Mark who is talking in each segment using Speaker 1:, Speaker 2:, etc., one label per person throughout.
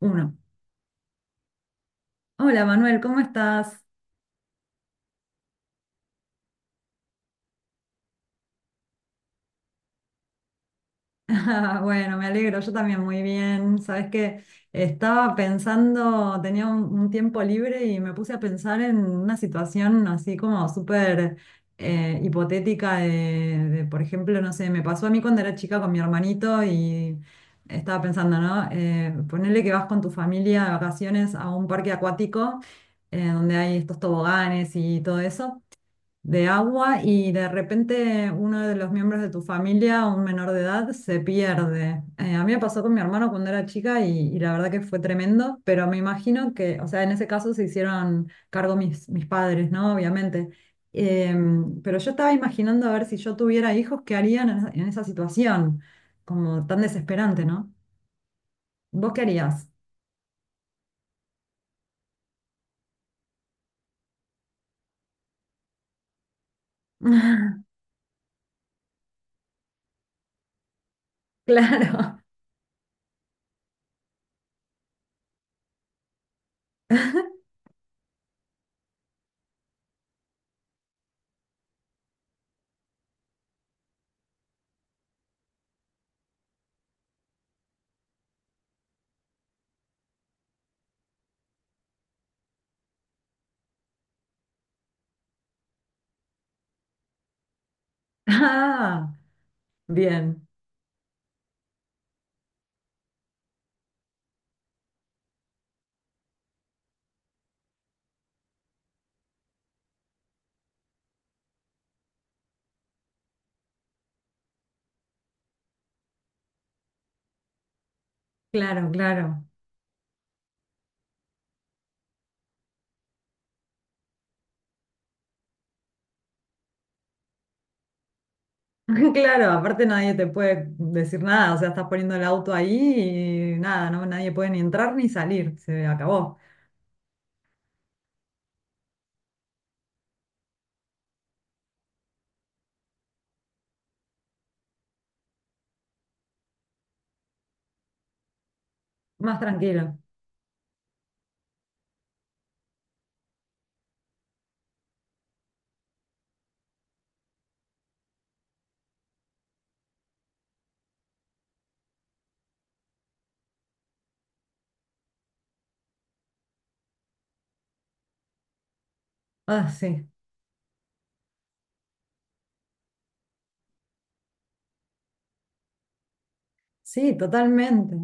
Speaker 1: Uno. Hola Manuel, ¿cómo estás? Ah, bueno, me alegro, yo también muy bien. Sabes que estaba pensando, tenía un tiempo libre y me puse a pensar en una situación así como súper hipotética por ejemplo, no sé, me pasó a mí cuando era chica con mi hermanito y estaba pensando, ¿no? Ponele que vas con tu familia de vacaciones a un parque acuático, donde hay estos toboganes y todo eso. De agua, y de repente uno de los miembros de tu familia, un menor de edad, se pierde. A mí me pasó con mi hermano cuando era chica y, la verdad que fue tremendo, pero me imagino que, o sea, en ese caso se hicieron cargo mis padres, ¿no? Obviamente. Pero yo estaba imaginando, a ver, si yo tuviera hijos, ¿qué harían en esa situación? Como tan desesperante, ¿no? ¿Vos qué harías? Claro. Ah, bien, claro, claro. Claro, aparte nadie te puede decir nada, o sea, estás poniendo el auto ahí y nada, no, nadie puede ni entrar ni salir, se acabó. Más tranquilo. Ah, sí, sí, totalmente.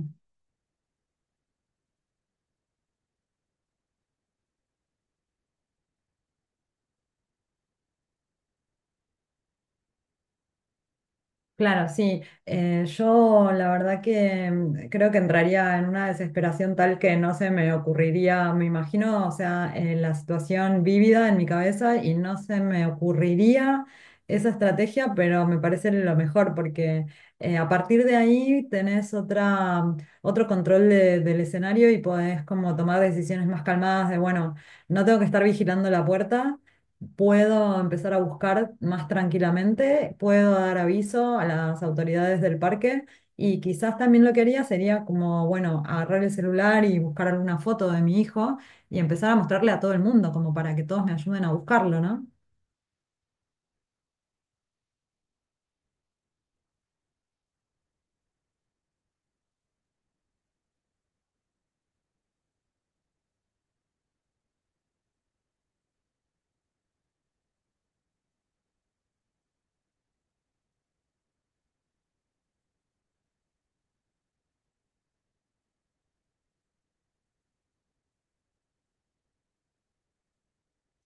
Speaker 1: Claro, sí. Yo la verdad que creo que entraría en una desesperación tal que no se me ocurriría, me imagino, o sea, la situación vívida en mi cabeza, y no se me ocurriría esa estrategia, pero me parece lo mejor, porque a partir de ahí tenés otra, otro control del escenario y podés como tomar decisiones más calmadas de, bueno, no tengo que estar vigilando la puerta, puedo empezar a buscar más tranquilamente, puedo dar aviso a las autoridades del parque, y quizás también lo que haría sería como, bueno, agarrar el celular y buscar alguna foto de mi hijo y empezar a mostrarle a todo el mundo, como para que todos me ayuden a buscarlo, ¿no?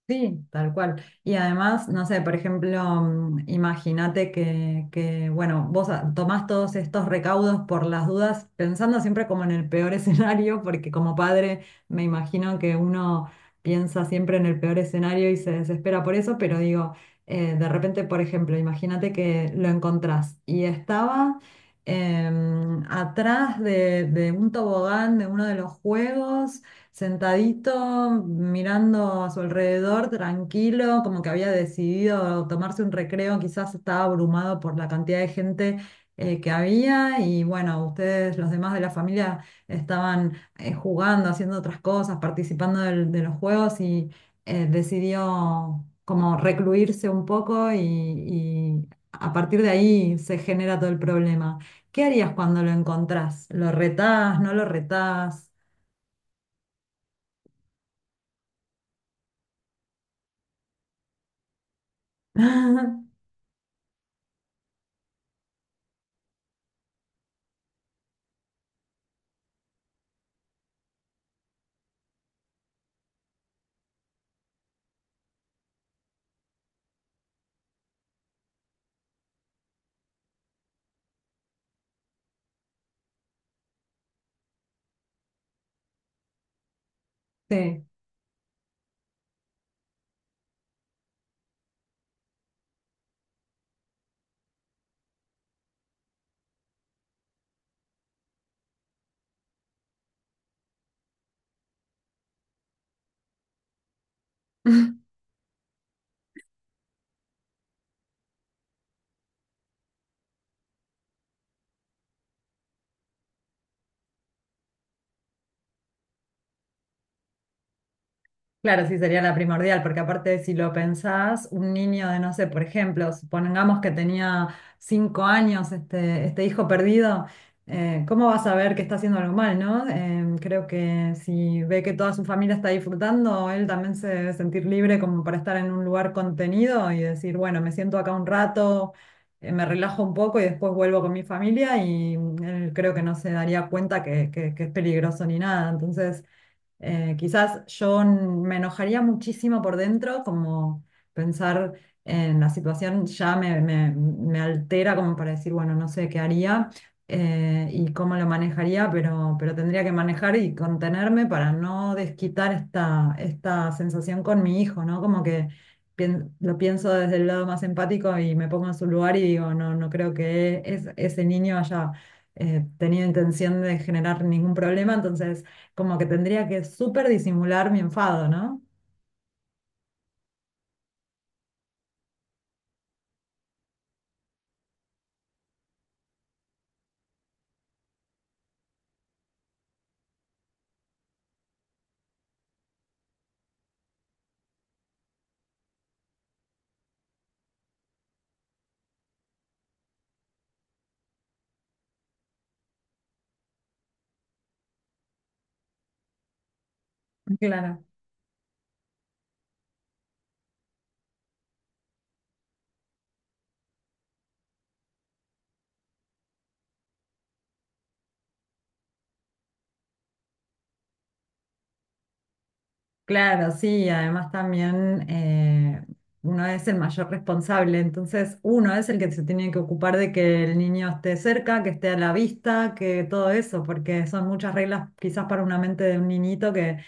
Speaker 1: Sí, tal cual. Y además, no sé, por ejemplo, imagínate que, bueno, tomás todos estos recaudos por las dudas, pensando siempre como en el peor escenario, porque como padre me imagino que uno piensa siempre en el peor escenario y se desespera por eso, pero digo, de repente, por ejemplo, imagínate que lo encontrás y estaba atrás de un tobogán de uno de los juegos, sentadito, mirando a su alrededor, tranquilo, como que había decidido tomarse un recreo, quizás estaba abrumado por la cantidad de gente que había, y bueno, ustedes, los demás de la familia, estaban jugando, haciendo otras cosas, participando de los juegos, y decidió como recluirse un poco y, a partir de ahí se genera todo el problema. ¿Qué harías cuando lo encontrás? ¿Lo retás? ¿No lo retás? Sí, claro, sí sería la primordial, porque aparte si lo pensás, un niño de, no sé, por ejemplo, supongamos que tenía 5 años este, este hijo perdido. ¿Cómo va a saber que está haciendo algo mal, no? Creo que si ve que toda su familia está disfrutando, él también se debe sentir libre como para estar en un lugar contenido y decir, bueno, me siento acá un rato, me relajo un poco y después vuelvo con mi familia, y él creo que no se daría cuenta que, que es peligroso ni nada, entonces... Quizás yo me enojaría muchísimo por dentro, como pensar en la situación. Ya me, me altera como para decir, bueno, no sé qué haría y cómo lo manejaría, pero tendría que manejar y contenerme para no desquitar esta, esta sensación con mi hijo, ¿no? Como que lo pienso desde el lado más empático y me pongo en su lugar y digo, no, no creo que es, ese niño haya... tenido intención de generar ningún problema, entonces como que tendría que súper disimular mi enfado, ¿no? Claro. Claro, sí, además también, uno es el mayor responsable, entonces uno es el que se tiene que ocupar de que el niño esté cerca, que esté a la vista, que todo eso, porque son muchas reglas quizás para una mente de un niñito, que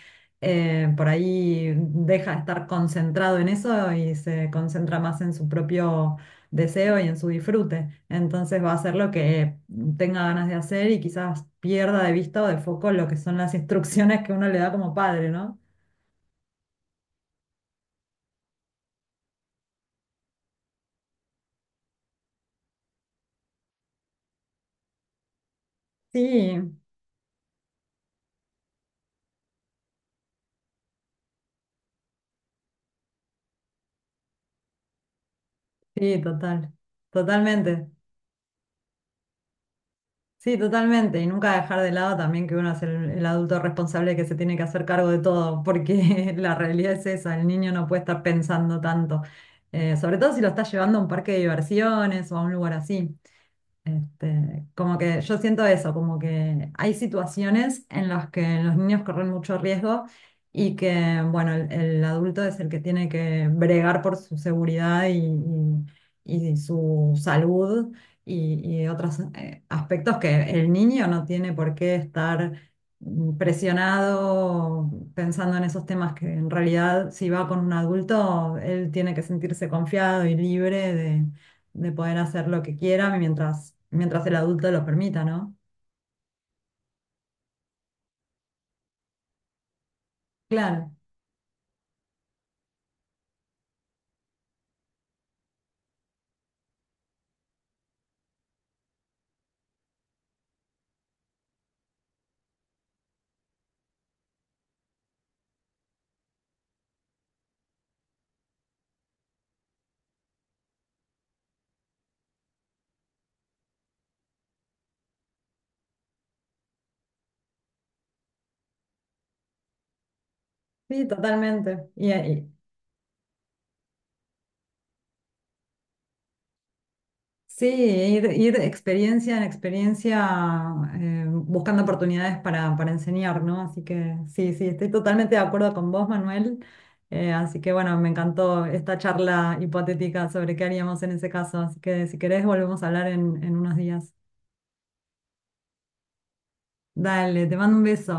Speaker 1: por ahí deja de estar concentrado en eso y se concentra más en su propio deseo y en su disfrute. Entonces va a hacer lo que tenga ganas de hacer y quizás pierda de vista o de foco lo que son las instrucciones que uno le da como padre, ¿no? Sí, sí, total, totalmente, sí, totalmente. Y nunca dejar de lado también que uno es el adulto responsable que se tiene que hacer cargo de todo, porque la realidad es esa, el niño no puede estar pensando tanto. Sobre todo si lo estás llevando a un parque de diversiones o a un lugar así. Este, como que yo siento eso, como que hay situaciones en las que los niños corren mucho riesgo, y que, bueno, el adulto es el que tiene que bregar por su seguridad y, y su salud y otros aspectos que el niño no tiene por qué estar presionado pensando en esos temas, que en realidad si va con un adulto, él tiene que sentirse confiado y libre de poder hacer lo que quiera mientras, mientras el adulto lo permita, ¿no? Claro, sí, totalmente. Y, sí, ir, ir de experiencia en experiencia, buscando oportunidades para enseñar, ¿no? Así que sí, sí, estoy totalmente de acuerdo con vos, Manuel. Así que bueno, me encantó esta charla hipotética sobre qué haríamos en ese caso. Así que si querés, volvemos a hablar en unos días. Dale, te mando un beso.